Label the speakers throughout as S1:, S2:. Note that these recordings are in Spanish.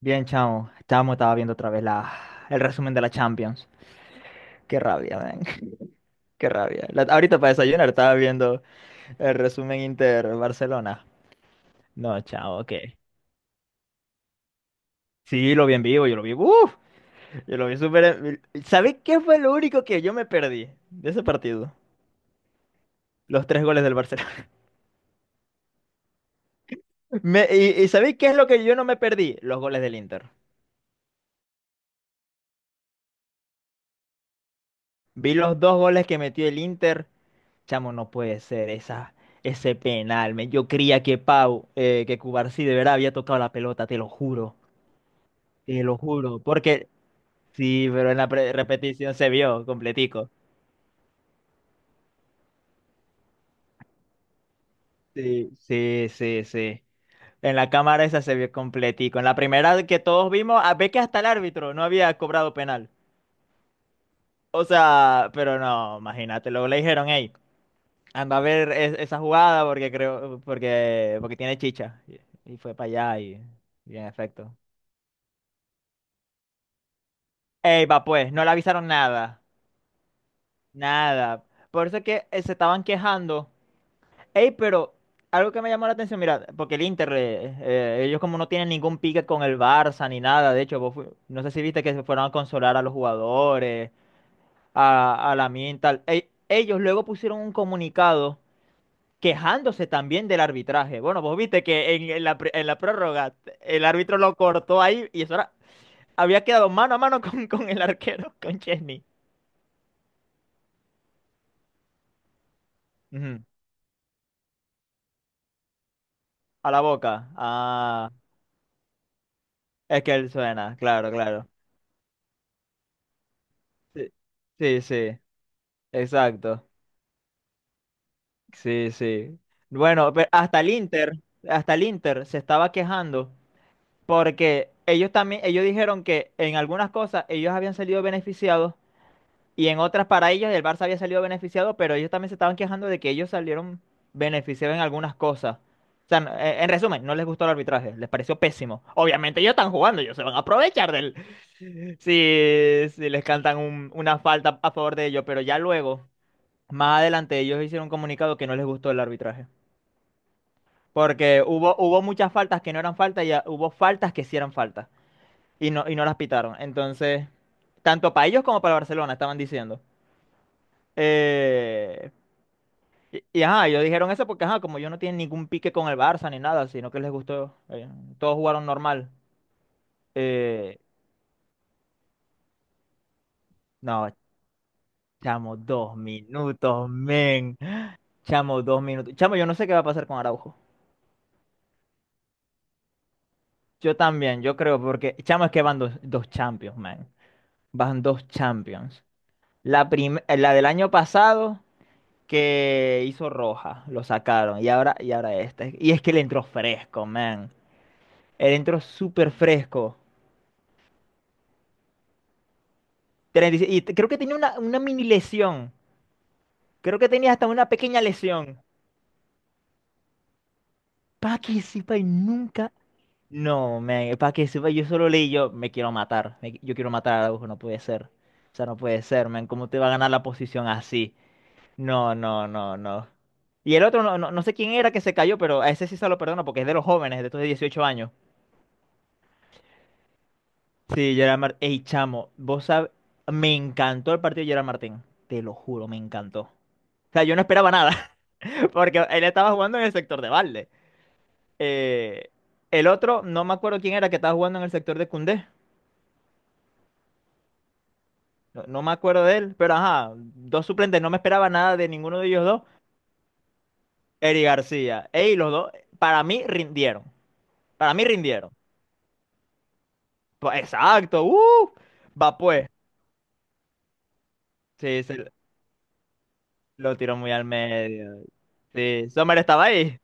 S1: Bien, chamo. Chamo, estaba viendo otra vez el resumen de la Champions. Qué rabia, ven. Qué rabia. Ahorita para desayunar estaba viendo el resumen Inter Barcelona. No, chavo, ¿qué? Sí, lo vi en vivo, yo lo vi. ¡Uf! Yo lo vi súper. ¿Sabés qué fue lo único que yo me perdí de ese partido? Los tres goles del Barcelona. ¿Y sabéis qué es lo que yo no me perdí? Los goles del Inter. Vi los dos goles que metió el Inter. Chamo, no puede ser ese penal, men. Yo creía que Cubarsí de verdad había tocado la pelota, te lo juro, te lo juro. Porque sí, pero en la repetición se vio completico. Sí, sí, sí, sí. En la cámara esa se vio completico. En la primera que todos vimos, a ver que hasta el árbitro no había cobrado penal. O sea, pero no, imagínate, luego le dijeron, hey, anda a ver esa jugada porque creo, porque, porque tiene chicha. Y fue para allá y en efecto. Ey, va, pues, no le avisaron nada, nada. Por eso es que se estaban quejando. Ey, pero algo que me llamó la atención, mira, porque el Inter, ellos como no tienen ningún pique con el Barça ni nada, de hecho, vos no sé si viste que se fueron a consolar a los jugadores, a la Mintal. Ey, ellos luego pusieron un comunicado quejándose también del arbitraje. Bueno, vos viste que en la prórroga el árbitro lo cortó ahí y eso era- había quedado mano a mano con el arquero, con Chesney. Ujú. A la boca. Ah, es que él suena, claro, claro. Sí, sí, sí, exacto. Sí, sí. Bueno, hasta el Inter se estaba quejando porque ellos también, ellos dijeron que en algunas cosas ellos habían salido beneficiados y en otras para ellos el Barça había salido beneficiado, pero ellos también se estaban quejando de que ellos salieron beneficiados en algunas cosas. O sea, en resumen, no les gustó el arbitraje, les pareció pésimo. Obviamente ellos están jugando, ellos se van a aprovechar del, sí, sí, les cantan una falta a favor de ellos, pero ya luego, más adelante, ellos hicieron un comunicado que no les gustó el arbitraje. Porque hubo muchas faltas que no eran faltas y hubo faltas que sí eran faltas y no las pitaron. Entonces, tanto para ellos como para Barcelona estaban diciendo. Eh, ajá, ellos dijeron eso porque, ajá, como ellos no tienen ningún pique con el Barça ni nada, sino que les gustó, todos jugaron normal. Eh, no, chamo, 2 minutos, men. Chamo, 2 minutos. Chamo, yo no sé qué va a pasar con Araujo. Yo también, yo creo, porque chamo es que van dos champions, man. Van dos champions. La del año pasado que hizo roja, lo sacaron. Y ahora esta. Y es que le entró fresco, man. Él entró súper fresco. 36 y seis y creo que tenía una mini lesión. Creo que tenía hasta una pequeña lesión. Pa' que sepa y nunca. No, para que sepa, yo solo leí yo, me quiero matar, yo quiero matar a Araujo, no puede ser. O sea, no puede ser, man, ¿cómo te va a ganar la posición así? No, no, no, no. Y el otro, no, no, no sé quién era que se cayó, pero a ese sí se lo perdono porque es de los jóvenes, de estos de 18 años. Sí, Gerard Martín. Ey, chamo, vos sabes, me encantó el partido de Gerard Martín, te lo juro, me encantó. O sea, yo no esperaba nada, porque él estaba jugando en el sector de balde. Eh, el otro, no me acuerdo quién era que estaba jugando en el sector de Koundé. No, no me acuerdo de él, pero ajá, dos suplentes, no me esperaba nada de ninguno de ellos dos. Eri García. Ey, los dos, para mí rindieron. Para mí rindieron. Pues, exacto, va pues. Sí, se lo tiró muy al medio. Sí, Sommer estaba ahí.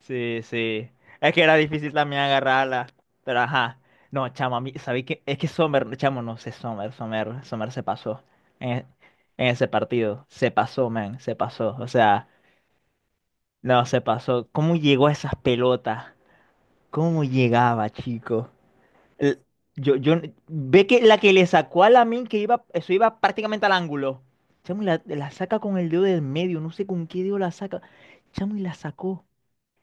S1: Sí, sí. Es que era difícil también agarrarla. Pero ajá. No, chamo, a mí, ¿sabéis qué? Es que Sommer, chamo, no sé, Sommer, Sommer, Sommer se pasó en, e- en ese partido. Se pasó, man, se pasó. O sea, no, se pasó. ¿Cómo llegó a esas pelotas? ¿Cómo llegaba, chico? El- yo, yo, Ve que la que le sacó a Lamine, que iba, eso iba prácticamente al ángulo. Chamo, y la saca con el dedo del medio, no sé con qué dedo la saca. Chamo, y la sacó.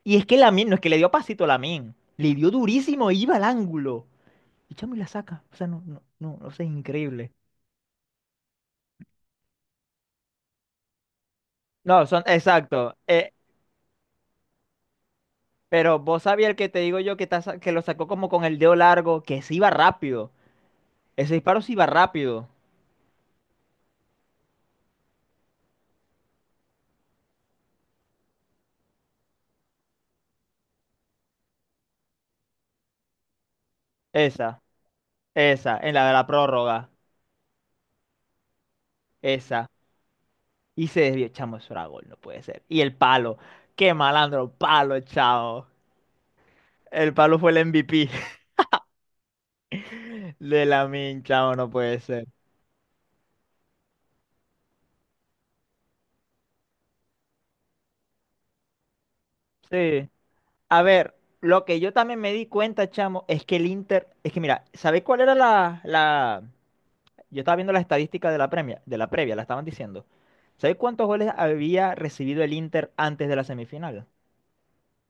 S1: Y es que Lamine, no es que le dio pasito a Lamine, le dio durísimo, iba al ángulo. Y chamo, y la saca. O sea, no, no, no, no sé, es increíble. No, son, exacto. Pero vos sabías el que te digo yo que, que lo sacó como con el dedo largo, que se iba rápido. Ese disparo se iba rápido. Esa, esa, en la de la prórroga. Esa. Y se desvió. Chamo, eso era gol, no puede ser. Y el palo. Qué malandro, palo, chao. El palo fue el MVP de Lamine, chamo, no puede ser. Sí. A ver, lo que yo también me di cuenta, chamo, es que el Inter, es que mira, ¿sabéis cuál era? Yo estaba viendo las estadísticas de la previa, la estaban diciendo. ¿Sabéis cuántos goles había recibido el Inter antes de la semifinal?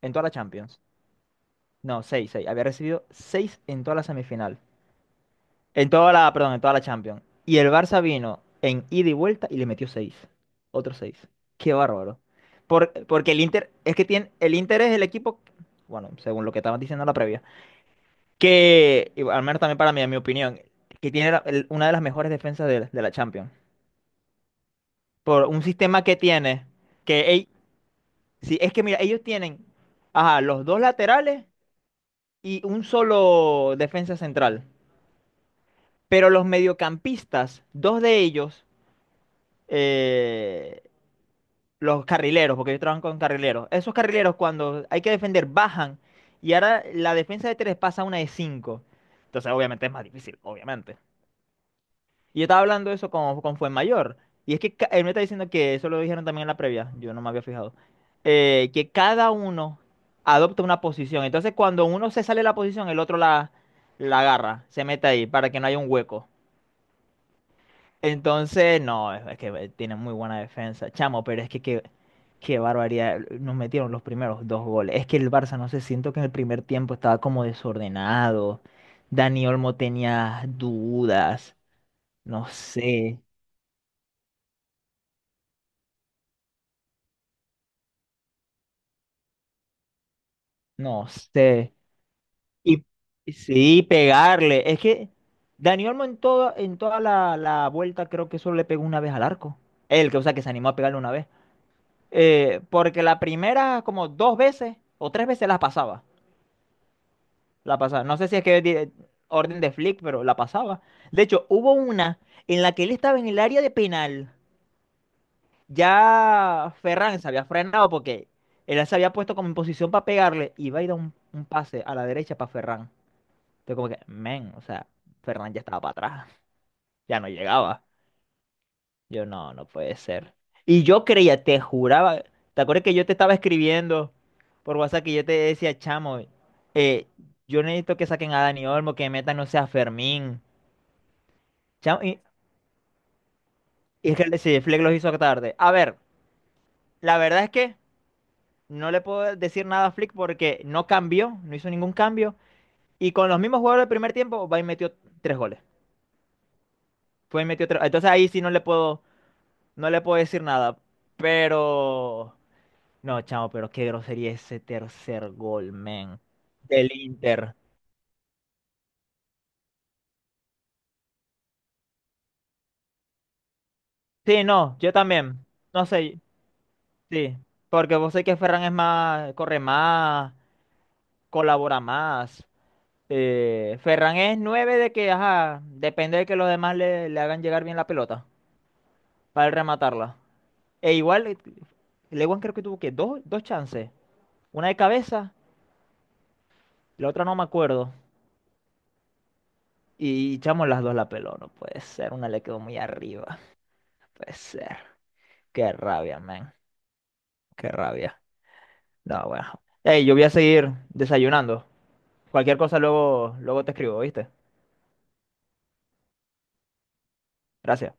S1: En toda la Champions. No, seis, seis. Había recibido seis en toda la semifinal. En toda la, perdón, en toda la Champions. Y el Barça vino en ida y vuelta y le metió seis. Otros seis. Qué bárbaro. Porque el Inter es el equipo, bueno, según lo que estaban diciendo en la previa. Que, y al menos también para mí, en mi opinión, que tiene una de las mejores defensas de la Champions. Por un sistema que tiene, que ell- sí, es que mira, ellos tienen ajá, los dos laterales y un solo defensa central. Pero los mediocampistas, dos de ellos, eh, los carrileros, porque ellos trabajan con carrileros, esos carrileros cuando hay que defender bajan y ahora la defensa de tres pasa a una de cinco. Entonces obviamente es más difícil, obviamente. Y yo estaba hablando eso con Fuenmayor. Y es que él me está diciendo que eso lo dijeron también en la previa. Yo no me había fijado. Que cada uno adopta una posición. Entonces, cuando uno se sale de la posición, el otro la agarra, se mete ahí para que no haya un hueco. Entonces, no, es que tiene muy buena defensa, chamo, pero es que qué barbaridad. Nos metieron los primeros dos goles. Es que el Barça, no sé, siento que en el primer tiempo estaba como desordenado. Dani Olmo tenía dudas, no sé. No sé. Y y sí, pegarle. Es que Dani Olmo en toda la vuelta creo que solo le pegó una vez al arco. Él, que, o sea, que se animó a pegarle una vez. Porque la primera, como dos veces o tres veces la pasaba. La pasaba. No sé si es que orden de Flick, pero la pasaba. De hecho, hubo una en la que él estaba en el área de penal. Ya Ferran se había frenado porque él se había puesto como en posición para pegarle y va a ir a un, pase a la derecha para Ferran. Entonces como que, men, o sea, Fernández ya estaba para atrás, ya no llegaba. No, no puede ser. Y yo creía, te juraba, ¿te acuerdas que yo te estaba escribiendo por WhatsApp que yo te decía, chamo, eh, yo necesito que saquen a Dani Olmo, que metan, no sea Fermín. Chamo, y es que sí, Flick los hizo tarde. A ver, la verdad es que no le puedo decir nada a Flick porque no cambió, no hizo ningún cambio. Y con los mismos jugadores del primer tiempo, va y metió tres goles. Fue y metió tres. Entonces ahí sí no le puedo. No le puedo decir nada, pero. No, chamo, pero qué grosería ese tercer gol, men. Del Inter. Sí, no, yo también. No sé, sí. Porque vos sé que Ferran es más, corre más, colabora más. Ferran es nueve de que, ajá, depende de que los demás le hagan llegar bien la pelota para él rematarla. E igual, Lewan creo que tuvo que dos chances. Una de cabeza, la otra no me acuerdo. Y chamo, las dos la peló, no puede ser. Una le quedó muy arriba, no puede ser. Qué rabia, man. Qué rabia. No, bueno. Ey, yo voy a seguir desayunando. Cualquier cosa luego, luego te escribo, ¿viste? Gracias.